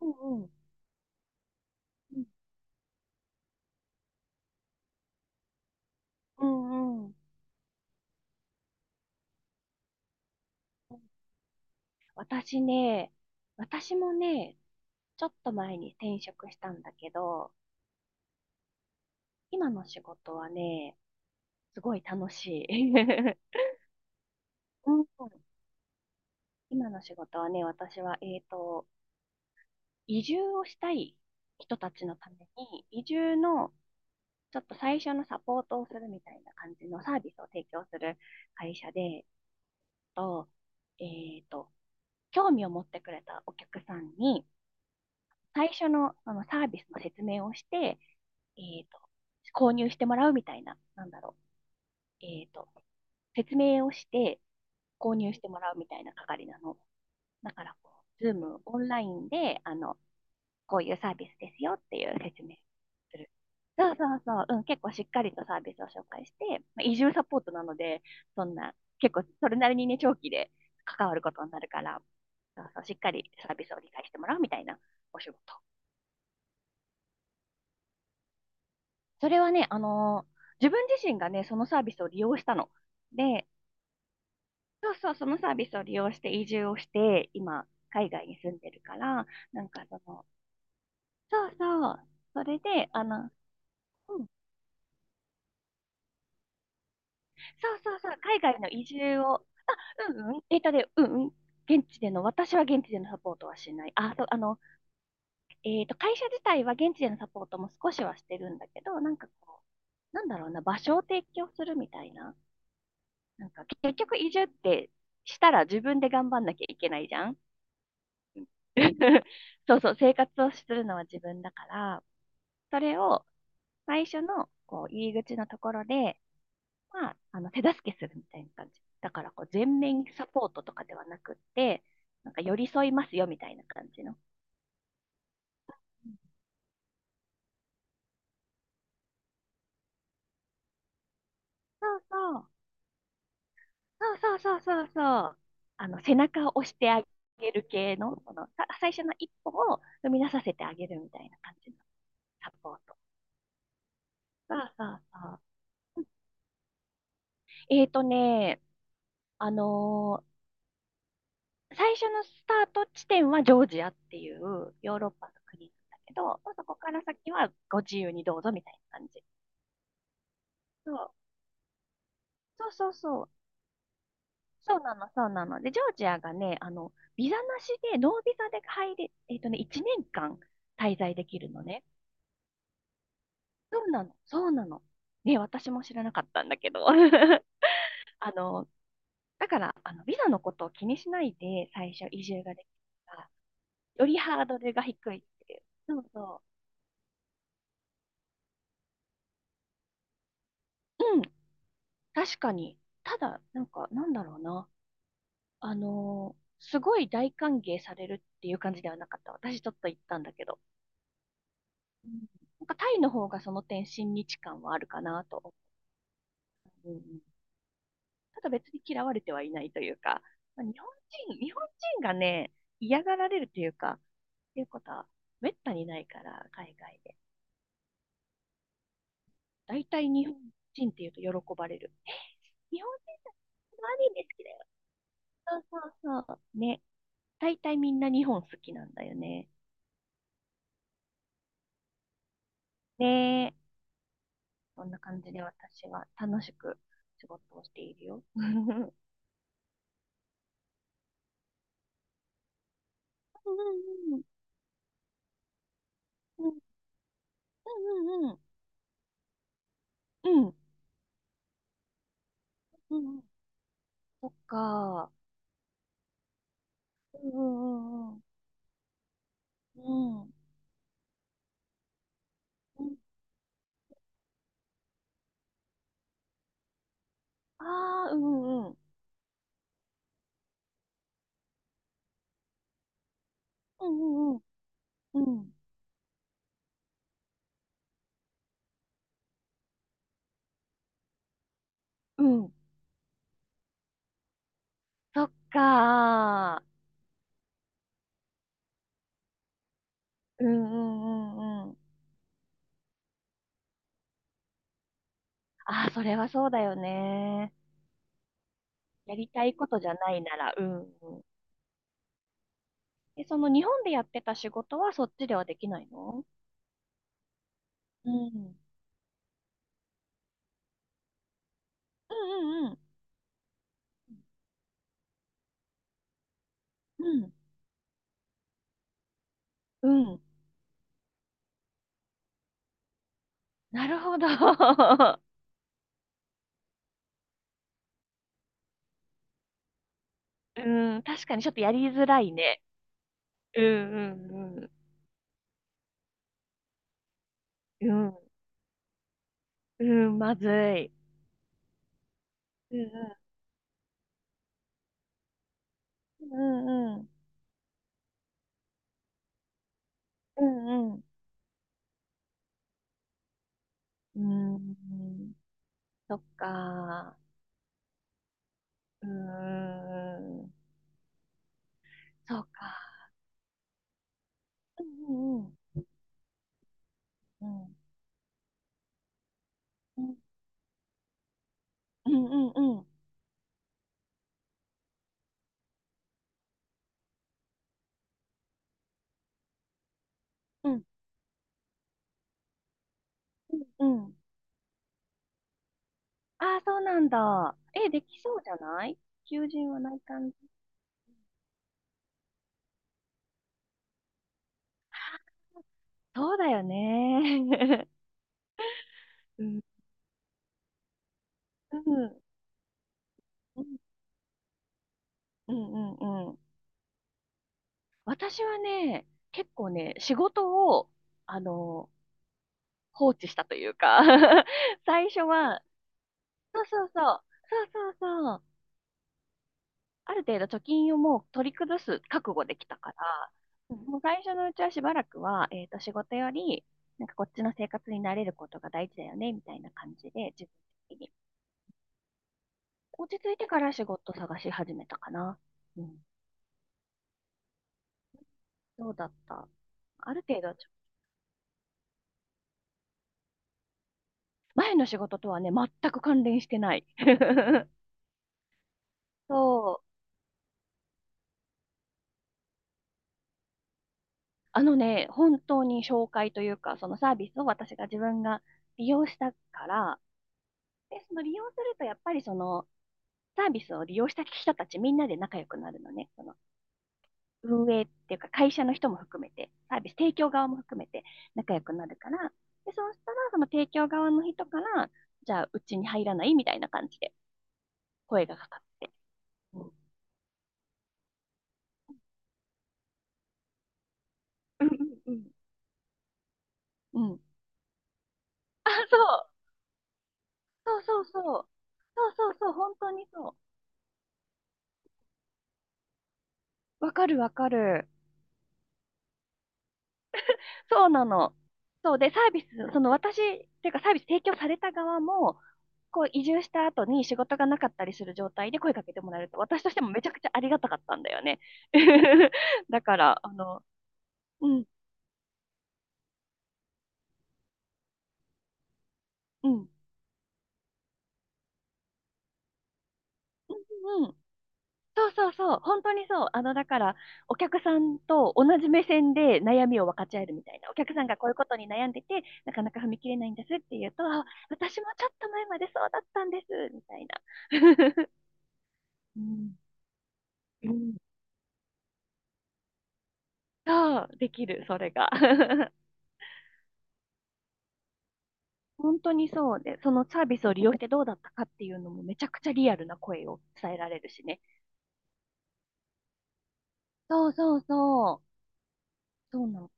うんうん。うんうん。私ね、私もね、ちょっと前に転職したんだけど、今の仕事はね、すごい楽しい。うん。今の仕事はね、私は、移住をしたい人たちのために、移住のちょっと最初のサポートをするみたいな感じのサービスを提供する会社で、と、えっと、興味を持ってくれたお客さんに、最初の、あのサービスの説明をして、えっと、購入してもらうみたいな、なんだろう、説明をして購入してもらうみたいな係なの。だからこう、ズームオンラインで、あの、こういうサービスですよっていう説明する。そうそうそう。うん、結構しっかりとサービスを紹介して、まあ、移住サポートなので、そんな、結構それなりにね、長期で関わることになるから、そうそう、しっかりサービスを理解してもらうみたいなお仕事。それはね、あのー自分自身がね、そのサービスを利用したの。で、そうそう、そのサービスを利用して移住をして、今、海外に住んでるから、なんかその、そうそう、それで、あの、うん、そうそうそう、海外の移住を、うん、えっとで、現地での、私は現地でのサポートはしない。あ、そう、あの、会社自体は現地でのサポートも少しはしてるんだけど、なんかこう、なんだろうな、場所を提供するみたいな。なんか結局移住ってしたら自分で頑張んなきゃいけないじゃん。そうそう、生活をするのは自分だから、それを最初のこう入り口のところで、まあ、あの手助けするみたいな感じ。だからこう全面サポートとかではなくって、なんか寄り添いますよみたいな感じの。そうそう、そうそうそうそうそう。あの背中を押してあげる系の、このさ最初の一歩を踏み出させてあげるみたいな感じのサポート。そうそうそう。えーとね、あのー最初のスタート地点はジョージアっていうヨーロッパの国なんだけど、そこから先はご自由にどうぞみたいな感じ。そうそうそうそう。そうなの、そうなの。で、ジョージアがね、あの、ビザなしで、ノービザで入れ、えーとね、1年間滞在できるのね。そうなの、そうなの。ね、私も知らなかったんだけど。あの、だから、あの、ビザのことを気にしないで最初移住ができるからよりハードルが低いっていう。そうそう。うん、確かに。ただ、なんか、なんだろうな。あのーすごい大歓迎されるっていう感じではなかった。私ちょっと行ったんだけど。うん。なんかタイの方がその点親日感はあるかなと。うんうん。ただ別に嫌われてはいないというか、まあ日本人がね、嫌がられるというか、っていうことはめったにないから、海外で。大体日本人っていうと喜ばれる。え、日本人のアニメ好きだよ。そうそうそう。ね。大体みんな日本好きなんだよね。ねえ。そんな感じで私は楽しく仕事をしているよ。うんうんうんうんうんうんうんうん。そっか。うんうんうんうん。うん。ああー、うんうんうんうんうんうんうん。そっか。うんうんうんうん。ああ、それはそうだよね。やりたいことじゃないなら、うんうん。え、その日本でやってた仕事はそっちではできないの？うん。うんうんうん。うん。うん。なるほど。うん。確かにちょっとやりづらいね。うんうんうん。うん。うん。まずい。うんうん。うんうん。うんうん。うん。そっか。うん。そうか。うんうんうん。うんうんうんうん。うんうんうん。ああ、そうなんだ。え、できそうじゃない？求人はない感じ。そうだよね。うん、うん、うん、うん、うんうんうんうんうん。私はね、結構ね、仕事を、あの、放置したというか。 最初は、そうそうそう、そうそうそう。ある程度貯金をもう取り崩す覚悟できたから、もう最初のうちはしばらくは、仕事より、なんかこっちの生活に慣れることが大事だよね、みたいな感じで、自分的に落ち着いてから仕事探し始めたかな。うん。どうだった？ある程度、ちょ、前の仕事とはね、全く関連してない。そう。あのね、本当に紹介というか、そのサービスを私が自分が利用したから、で、その利用すると、やっぱりそのサービスを利用した人たちみんなで仲良くなるのね。その運営っていうか会社の人も含めて、サービス提供側も含めて仲良くなるから、で、そうしたらその提供側の人から、じゃあうちに入らないみたいな感じで声がかかって。うん。うんうんうんうん。あ、そう。そうそうそう。そうそうそう。本当にそう。わかるわかる。そうなの。そうで、サービス、その私、っていうかサービス提供された側も、こう移住した後に仕事がなかったりする状態で声かけてもらえると、私としてもめちゃくちゃありがたかったんだよね。だから、あの、うん、うん、うん。そうそうそう、本当にそう。あの、だから、お客さんと同じ目線で悩みを分かち合えるみたいな。お客さんがこういうことに悩んでて、なかなか踏み切れないんですっていうと、あ私もちょっと前までそうだったんです、みたいな。うん、うん。そう、できる、それが。本当にそうで、そのサービスを利用してどうだったかっていうのもめちゃくちゃリアルな声を伝えられるしね。そうそうそう。そうなの。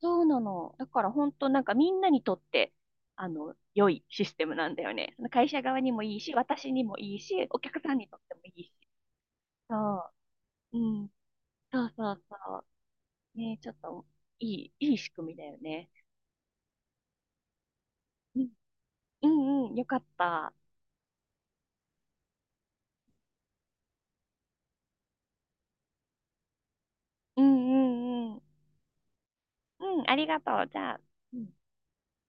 そうなの。だから本当なんかみんなにとって、あの、良いシステムなんだよね。その会社側にもいいし、私にもいいし、お客さんにとってもいいし。そう。うん。そうそうそう。ね、ちょっと、いい、いい仕組みだよね。うん、うん、うん、よかった。うん、うん、うん。うん、ありがとう。じゃあ。うん。